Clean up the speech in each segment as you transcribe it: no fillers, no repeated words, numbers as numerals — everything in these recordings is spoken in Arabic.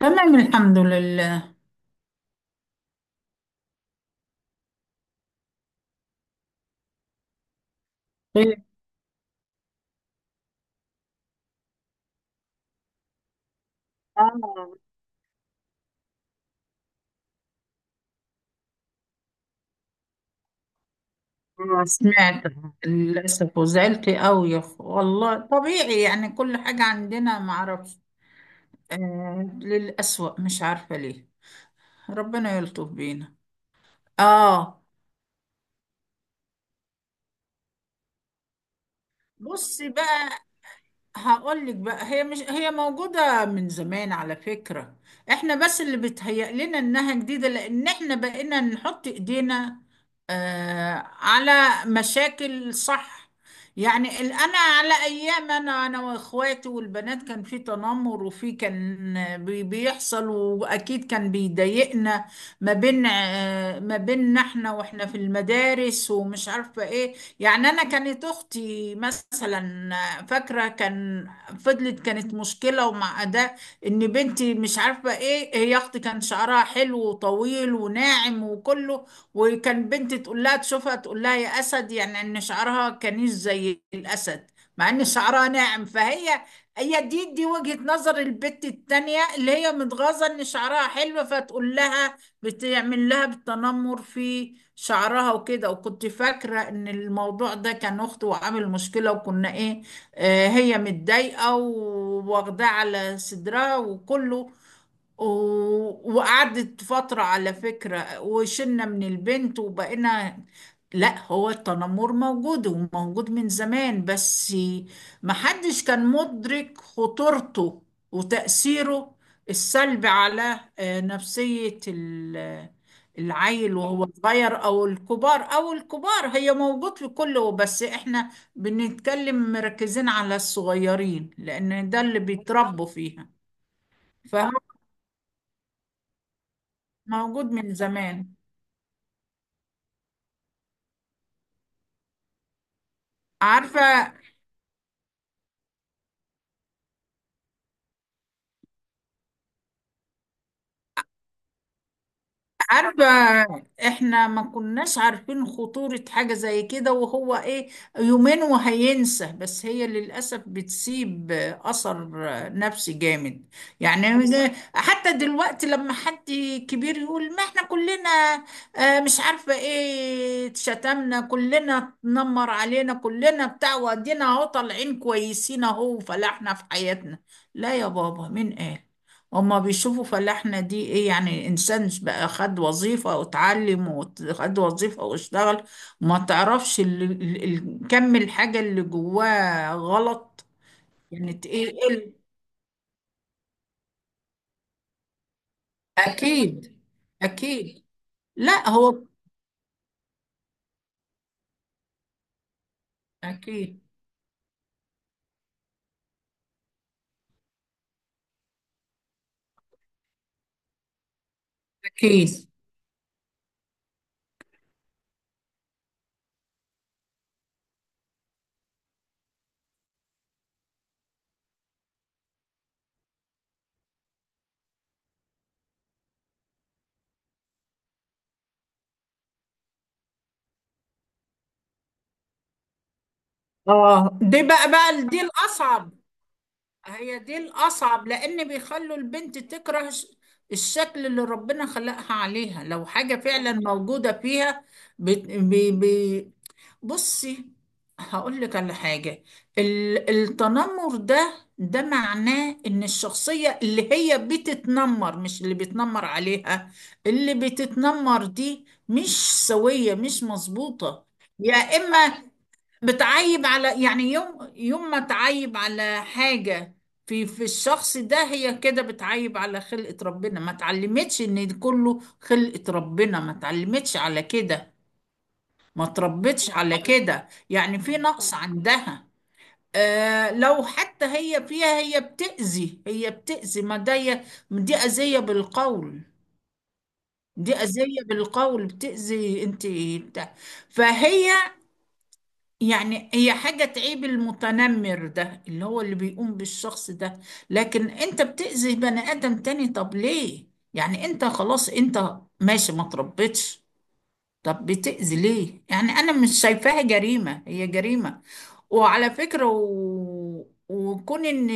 تمام، الحمد لله. خير. آه سمعت للأسف، وزعلت أوي والله. طبيعي يعني، كل حاجة عندنا معرفش. آه، للأسوأ مش عارفة ليه. ربنا يلطف بينا. آه. بصي بقى، هقول لك بقى، هي مش هي موجودة من زمان على فكرة. احنا بس اللي بيتهيأ لنا انها جديدة، لان احنا بقينا نحط ايدينا، آه، على مشاكل، صح؟ يعني انا، على ايام انا واخواتي والبنات، كان في تنمر، وفي كان بيحصل، واكيد كان بيضايقنا. ما بيننا احنا، واحنا في المدارس، ومش عارفة ايه. يعني أنا كانت أختي مثلا، فاكرة كان، فضلت كانت مشكلة. ومع ده إن بنتي، مش عارفة إيه، هي أختي كان شعرها حلو وطويل وناعم وكله، وكان بنتي تقول لها، تشوفها تقول لها يا أسد، يعني إن شعرها كانش زي الأسد، مع إن شعرها ناعم. فهي، هي دي وجهة نظر البت التانية اللي هي متغاظة إن شعرها حلو، فتقول لها، بتعمل لها بالتنمر في شعرها وكده. وكنت فاكرة ان الموضوع ده كان اخته وعامل مشكلة، وكنا ايه، آه، هي متضايقة وواخداه على صدرها وكله. وقعدت فترة على فكرة، وشلنا من البنت، وبقينا، لا، هو التنمر موجود، وموجود من زمان، بس محدش كان مدرك خطورته وتأثيره السلبي على، نفسية العيل وهو صغير، أو الكبار، هي موجود في كله، بس إحنا بنتكلم مركزين على الصغيرين، لأن ده اللي بيتربوا فيها. فاهم؟ موجود من زمان. عارفة. عارفة. احنا ما كناش عارفين خطورة حاجة زي كده، وهو ايه، يومين وهينسى، بس هي للأسف بتسيب أثر نفسي جامد. يعني حتى دلوقتي لما حد كبير يقول، ما احنا كلنا، مش عارفة ايه، اتشتمنا كلنا، اتنمر علينا كلنا بتاع، وادينا اهو طالعين كويسين اهو، وفلاحنا في حياتنا. لا يا بابا، مين قال؟ هما بيشوفوا فلاحنا دي ايه؟ يعني انسان بقى، خد وظيفة واتعلم، وخد وظيفة واشتغل، وما تعرفش كم الحاجة اللي جواه غلط. يعني ت- ايه إيه اكيد. اكيد. لا هو. اكيد. اكيد. اه، دي بقى بقى دي الاصعب. هي دي الاصعب، لان بيخلوا البنت تكره الشكل اللي ربنا خلقها عليها، لو حاجة فعلا موجودة فيها. بت- بي- بي- بصي، هقول لك على حاجة. التنمر ده معناه ان الشخصية اللي هي بتتنمر، مش اللي بيتنمر عليها، اللي بتتنمر دي مش سوية، مش مظبوطة. يا اما بتعيب على، يعني يوم يوم ما تعيب على حاجة في الشخص ده، هي كده بتعيب على خلقة ربنا، ما اتعلمتش ان كله خلقة ربنا، ما اتعلمتش على كده، ما تربتش على كده، يعني في نقص عندها. آه، لو حتى هي فيها، هي بتأذي، ما ده دي أذية بالقول. بتأذي انت. بتاع. فهي، يعني هي حاجة تعيب المتنمر ده اللي هو اللي بيقوم بالشخص ده. لكن انت بتأذي بني آدم تاني، طب ليه؟ يعني انت خلاص، انت ماشي ما تربتش، طب بتأذي ليه؟ يعني أنا مش شايفاها جريمة، هي جريمة. وعلى فكرة، وكون إن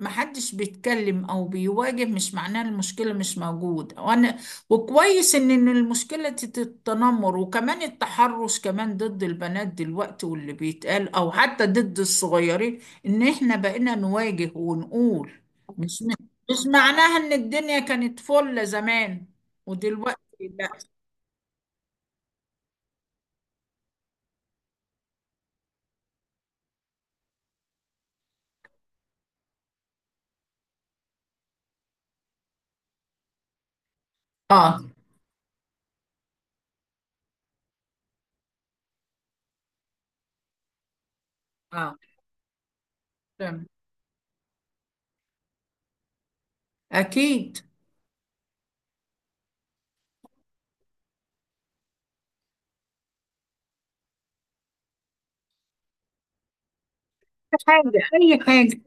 محدش بيتكلم أو بيواجه، مش معناه المشكلة مش موجودة. وأنا، وكويس إن المشكلة التنمر، وكمان التحرش كمان ضد البنات دلوقتي، واللي بيتقال، أو حتى ضد الصغيرين، إن إحنا بقينا نواجه ونقول. مش مش معناها إن الدنيا كانت فل زمان، ودلوقتي لا. اه. اه. تمام. اكيد. حاجه، اي حاجه.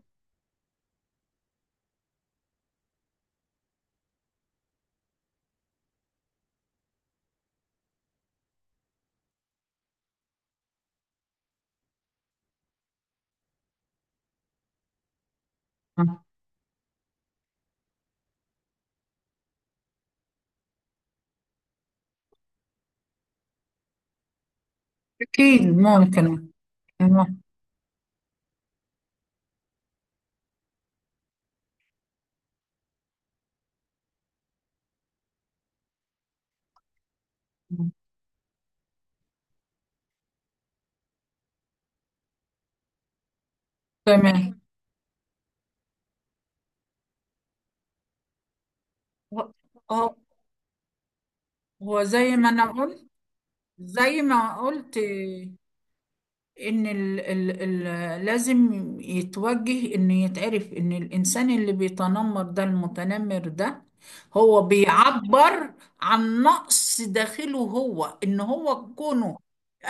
اكيد ممكن. مم. تمام. هو. هو زي ما انا قلت، زي ما قلت ان ال لازم يتوجه، ان يتعرف ان الانسان اللي بيتنمر ده، المتنمر ده، هو بيعبر عن نقص داخله هو. ان هو كونه،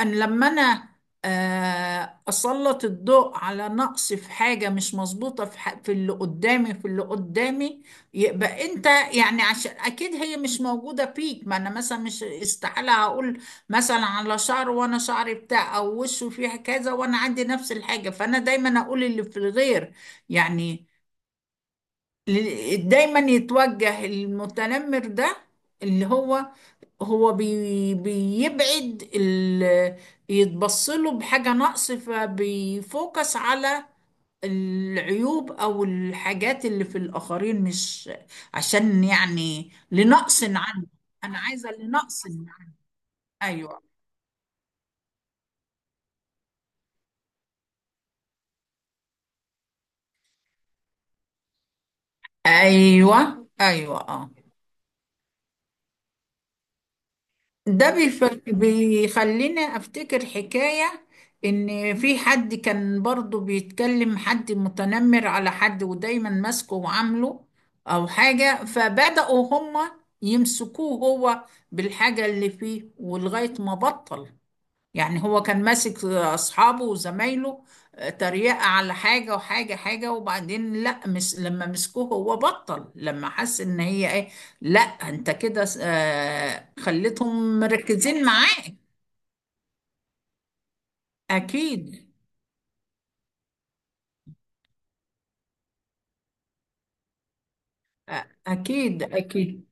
ان لما انا، آه، اسلط الضوء على نقص، في حاجة مش مظبوطة في في اللي قدامي، يبقى انت، يعني عشان اكيد هي مش موجودة فيك. ما انا مثلا مش استحالة هقول مثلا على شعره وانا شعري بتاع، او وشه فيه كذا وانا عندي نفس الحاجه، فانا دايما اقول اللي في الغير. يعني دايما يتوجه المتنمر ده، اللي هو، هو بيبعد ال، يتبص له بحاجه نقص، فبيفوكس على العيوب او الحاجات اللي في الاخرين، مش عشان، يعني لنقص عنه. انا عايزه لنقص عنه. ايوه. ايوه، ايوه اه. بيخلينا افتكر حكايه ان في حد كان برضو بيتكلم، حد متنمر على حد، ودايما ماسكه وعامله او حاجه، فبداوا هما يمسكوه هو بالحاجه اللي فيه، ولغايه ما بطل. يعني هو كان ماسك اصحابه وزمايله، آه، تريقة على حاجة وحاجة حاجة، وبعدين لا، لما مسكوه هو بطل، لما حس ان هي ايه، لا انت كده، آه، خليتهم مركزين معاك. اكيد. أ- اكيد. اكيد.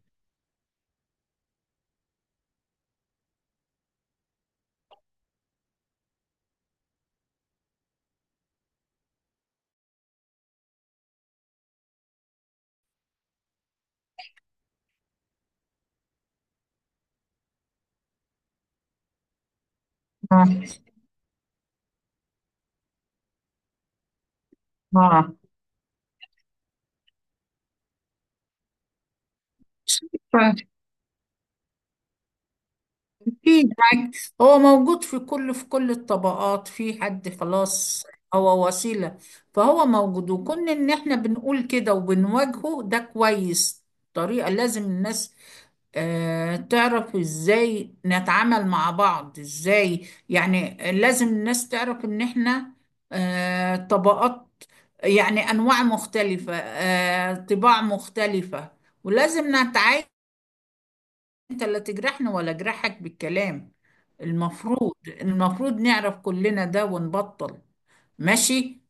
اه. اه. في بالعكس، هو موجود في كل، الطبقات، في حد خلاص، هو وسيلة، فهو موجود. وكون ان احنا بنقول كده وبنواجهه، ده كويس. طريقة، لازم الناس، آه، تعرف ازاي نتعامل مع بعض ازاي، يعني لازم الناس تعرف ان احنا، آه، طبقات، يعني انواع مختلفة، آه، طباع مختلفة، ولازم نتعايش. انت لا تجرحني، ولا اجرحك بالكلام. المفروض، نعرف كلنا ده ونبطل. ماشي.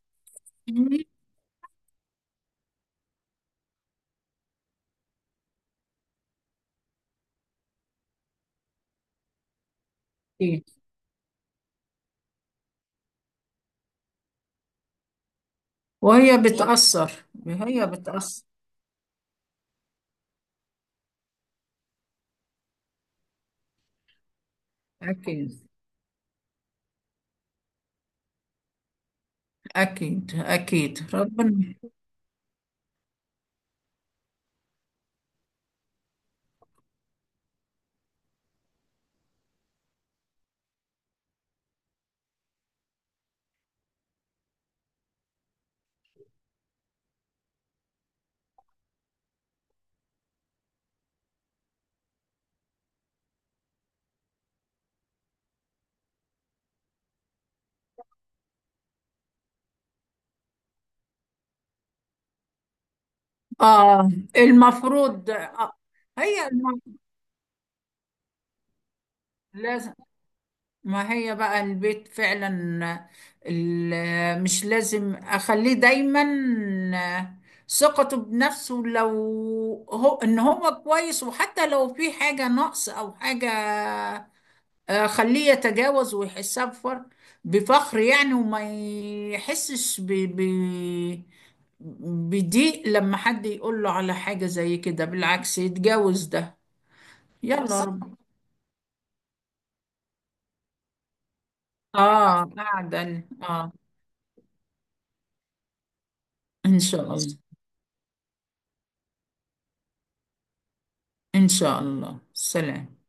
وهي بتأثر. أكيد، أكيد، أكيد. ربنا. آه. المفروض. آه. هي الم... لازم، ما هي بقى البيت فعلا. مش لازم اخليه دايما ثقته بنفسه، لو هو ان هو كويس، وحتى لو في حاجة نقص او حاجة، آه، خليه يتجاوز ويحسها بفخر، يعني، وما يحسش بضيق لما حد يقول له على حاجة زي كده، بالعكس يتجاوز ده. يلا بالظبط، رب. اه، قاعدة، اه. ان شاء الله. إن شاء الله، سلام.